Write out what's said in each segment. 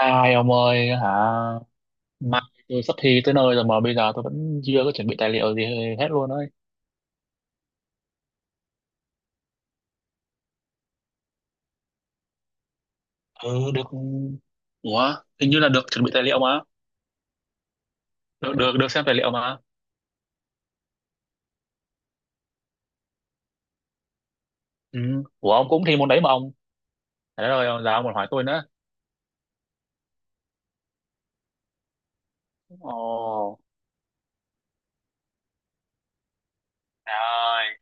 Ai ông ơi hả? Mai tôi sắp thi tới nơi rồi mà bây giờ tôi vẫn chưa có chuẩn bị tài liệu gì hết luôn ấy. Ừ, được. Ủa, hình như là được chuẩn bị tài liệu mà. Được được được xem tài liệu mà. Ừ. Ủa, ông cũng thi môn đấy mà ông. Trời đất ơi, giờ ông còn hỏi tôi nữa. Ồ. Trời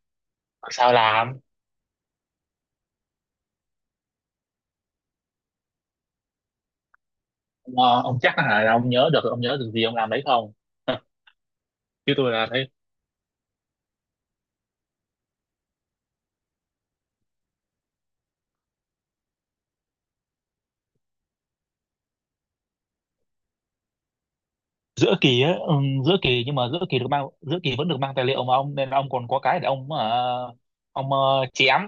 ơi, sao làm. Ông chắc là hả, ông nhớ được gì ông làm đấy không? Chứ tôi là thấy. Giữa kỳ á. Ừ, giữa kỳ. Nhưng mà giữa kỳ vẫn được mang tài liệu mà ông, nên là ông còn có cái để ông ông chém.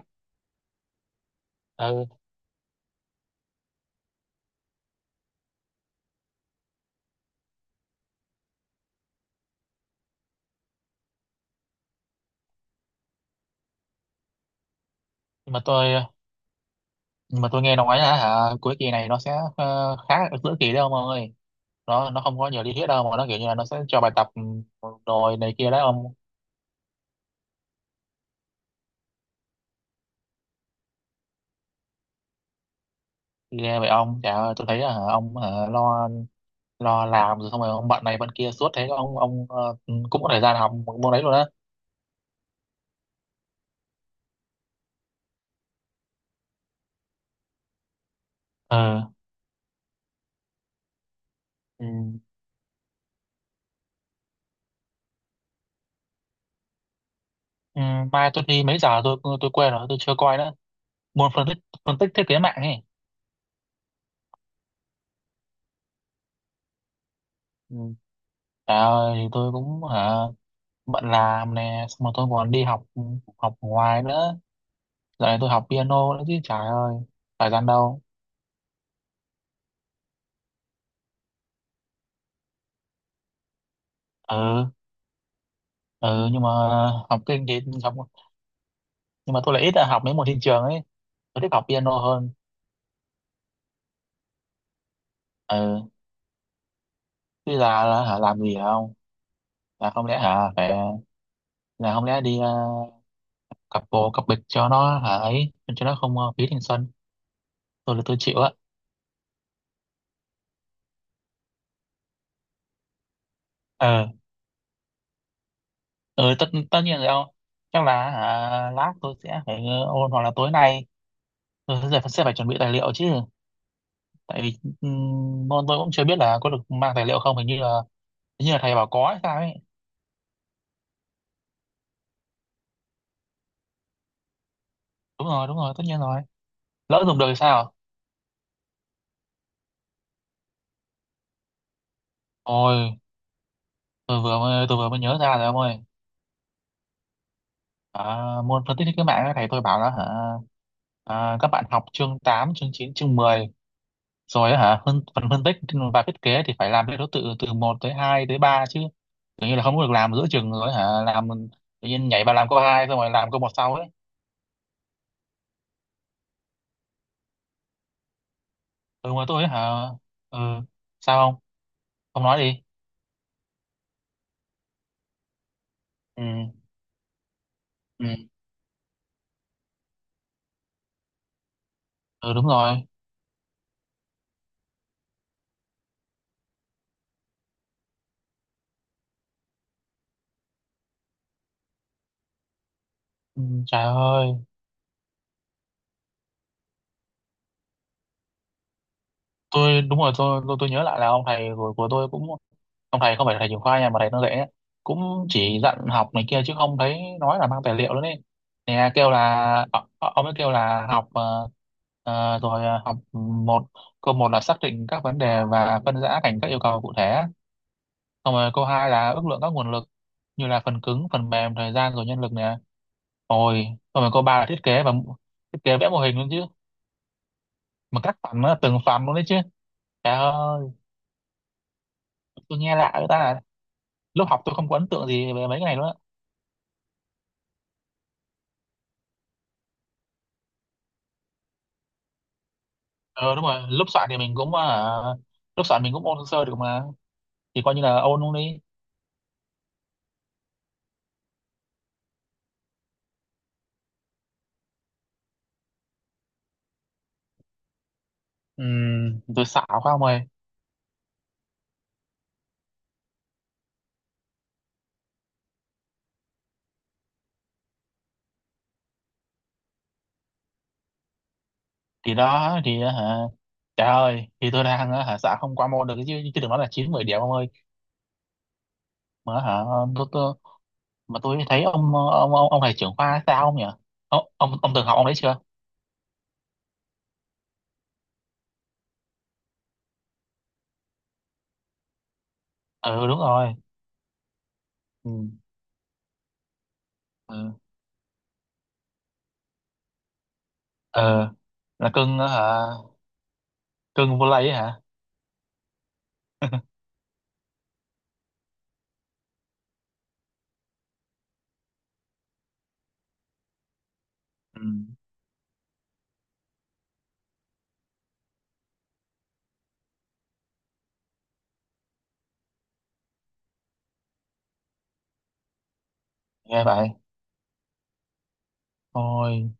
Ừ, nhưng mà tôi nhưng mà tôi nghe nói là hả cuối kỳ này nó sẽ khá là giữa kỳ đấy ông ơi. Nó không có nhiều lý thuyết đâu, mà nó kiểu như là nó sẽ cho bài tập rồi này kia đấy ông. Ghê vậy ông chả, tôi thấy là hả, ông hả, lo lo làm rồi xong rồi ông bận này bận kia suốt thế ông cũng có thời gian học một môn đấy luôn á. Ừ. Ừ. Ừ, mai tôi đi mấy giờ tôi quên rồi, tôi chưa coi nữa. Môn phân tích thiết kế mạng ấy. Ừ. Trời ơi, thì tôi cũng hả bận làm nè, xong rồi tôi còn đi học, học ngoài nữa. Dạo này tôi học piano đấy chứ, trời ơi, thời gian đâu. Ừ. Ừ, nhưng mà học kinh thì học. Nhưng mà tôi lại ít học mấy môn thị trường ấy. Tôi thích học piano hơn. Ừ, chứ là hả, làm gì không. là không lẽ hả phải là không lẽ đi cặp bồ cặp bịch cho nó hả ấy, cho nó không phí thanh xuân. Tôi là tôi chịu á. Ờ. Ừ, tất tất nhiên rồi không. Chắc là hả, lát tôi sẽ phải ôn hoặc là tối nay tôi sẽ phải chuẩn bị tài liệu chứ. Tại vì môn tôi cũng chưa biết là có được mang tài liệu không, hình như là. Hình như là thầy bảo có hay sao ấy. Đúng rồi, tất nhiên rồi. Lỡ dùng được thì sao? Ôi, tôi vừa mới nhớ ra rồi ông ơi. À, môn phân tích thiết kế mạng ấy, thầy tôi bảo là hả, à, các bạn học chương 8 chương 9 chương 10 rồi á, hả phần phân tích và thiết kế thì phải làm theo thứ tự từ một tới 2 tới 3 chứ. Tưởng như là không có được làm giữa chừng, rồi hả làm tự nhiên nhảy vào làm câu hai xong rồi làm câu một sau ấy. Ừ, mà tôi hả. Ừ, sao không? Không, nói đi. Ừ, ừ, ừ, đúng rồi. Ừ, trời ơi. Tôi, đúng rồi, tôi nhớ lại là ông thầy của tôi cũng, ông thầy không phải là thầy trường khoa nha, mà thầy nó dạy ấy, cũng chỉ dặn học này kia chứ không thấy nói là mang tài liệu nữa đấy, nè kêu là ông ấy kêu là học học một, câu một là xác định các vấn đề và phân rã thành các yêu cầu cụ thể. Xong rồi câu hai là ước lượng các nguồn lực như là phần cứng, phần mềm, thời gian rồi nhân lực nè. Rồi xong rồi câu ba là thiết kế và thiết kế vẽ mô hình luôn chứ. Mà các phần nó là từng phần luôn đấy chứ, trời ơi. Tôi nghe lạ, người ta lúc học tôi không có ấn tượng gì về mấy cái này nữa. Ờ đúng rồi, lúc soạn thì mình cũng lúc soạn mình cũng ôn sơ sơ được mà. Thì coi như là ôn luôn đi. Tôi xạo quá ông ơi. Thì đó thì hả, trời ơi, thì tôi đang hả xạo không qua môn được chứ chứ đừng nói là chín mười điểm ông ơi. Mà hả tôi, mà tôi thấy ông ông thầy trưởng khoa sao không nhỉ? Ông từng học ông đấy chưa? Ừ, đúng rồi. Ừ. Ừ. Ờ, là cưng. Ờ, Hả, cưng vô lây ấy hả? Ừ, nghe vậy thôi.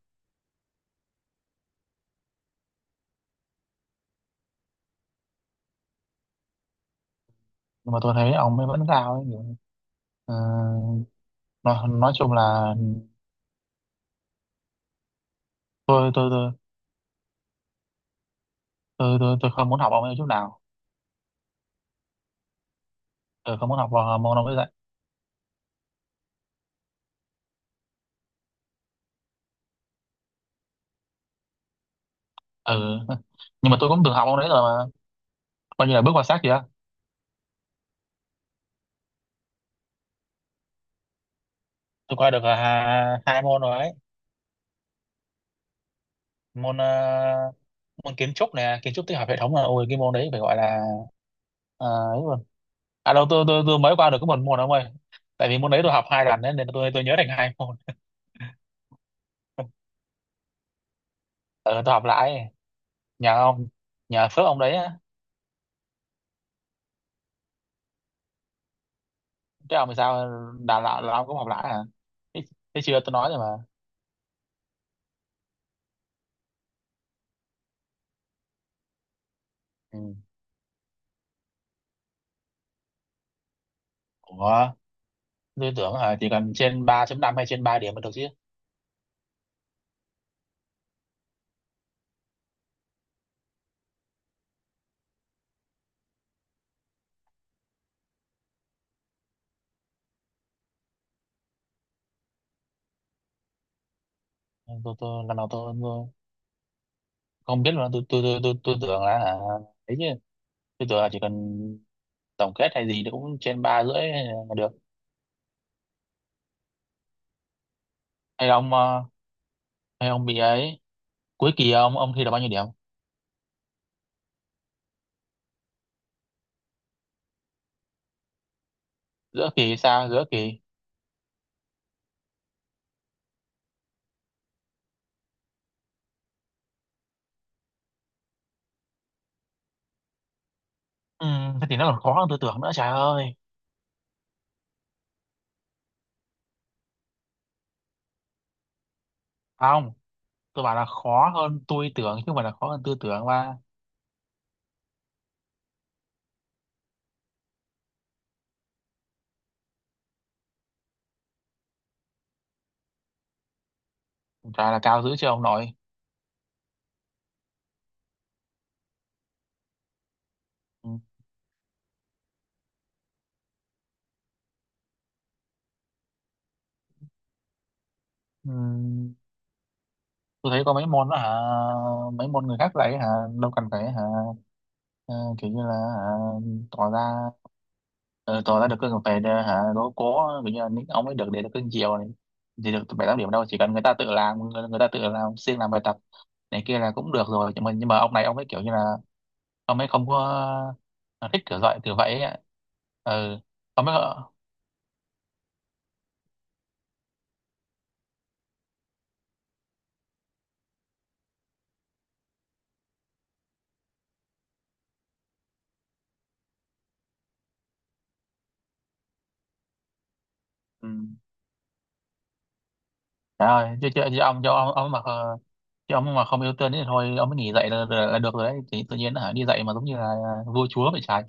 Nhưng mà tôi thấy ông ấy vẫn sao ấy. Ờ, nói chung là tôi tôi tôi tôi không muốn học ông ấy chút nào. Tôi không muốn học vào môn ông ấy dạy. Ừ. Nhưng mà tôi cũng từng học ông đấy rồi mà, coi như là bước vào xác kìa. Tôi qua được à, hai môn rồi ấy. Môn môn kiến trúc nè, kiến trúc tích hợp hệ thống, là ôi cái môn đấy phải gọi là ấy luôn. À đâu, tôi mới qua được có một môn ông ơi. Tại vì môn đấy tôi học hai lần ấy, nên tôi nhớ thành hai môn. Ừ, tôi học lại. nhờ ông Nhờ phước ông đấy á. Chứ ông thì sao? Đào tạo là ông cũng học lại à? thế, Thế chưa, tôi nói rồi mà. Ừ. Ủa, tôi tưởng à, chỉ cần trên 3,5 hay trên 3 điểm là được chứ. Tôi, lần nào tôi, không biết mà tôi tưởng là à, ấy chứ. Tôi tưởng là chỉ cần tổng kết hay gì thì cũng trên 3 rưỡi hay là được. Hay là ông ờ, Hay ông bị ấy, cuối kỳ ông thi được bao nhiêu điểm? Giữa kỳ hay sao? Giữa kỳ. Ừ, thế thì nó còn khó hơn tôi tưởng nữa, trời ơi. Không, tôi bảo là khó hơn tôi tưởng chứ không phải là khó hơn tôi tưởng mà. Trời là cao dữ chưa ông nội. Ừ. Ừ. Tôi thấy có mấy môn đó hả, mấy môn người khác dạy hả, đâu cần phải hả ờ, kiểu như là hả, tỏ ra ờ, tỏ ra được cái về để, hả đố cố, kiểu như là những ông ấy được để được cưng chiều này thì được bảy tám điểm đâu, chỉ cần người ta tự làm, người ta tự làm siêng làm bài tập này kia là cũng được rồi, nhưng mà ông này ông ấy kiểu như là ông ấy không có ờ, thích kiểu dạy kiểu vậy ấy ạ. Ừ, ông ấy ừ. Trời ơi chứ chứ, chứ ông cho ông mà chứ ông mà không yêu thương thì thôi ông mới nghỉ dạy là được rồi đấy, thì tự nhiên hả đi dạy mà giống như là à, vua chúa vậy trái.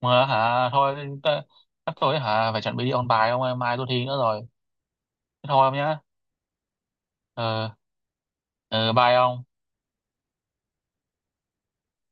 Mà hả thôi ta, chắc tôi hả phải chuẩn bị đi ôn bài ông ơi, mai tôi thi nữa rồi. Thế thôi ông nhá. Ờ. Ờ, bye ông.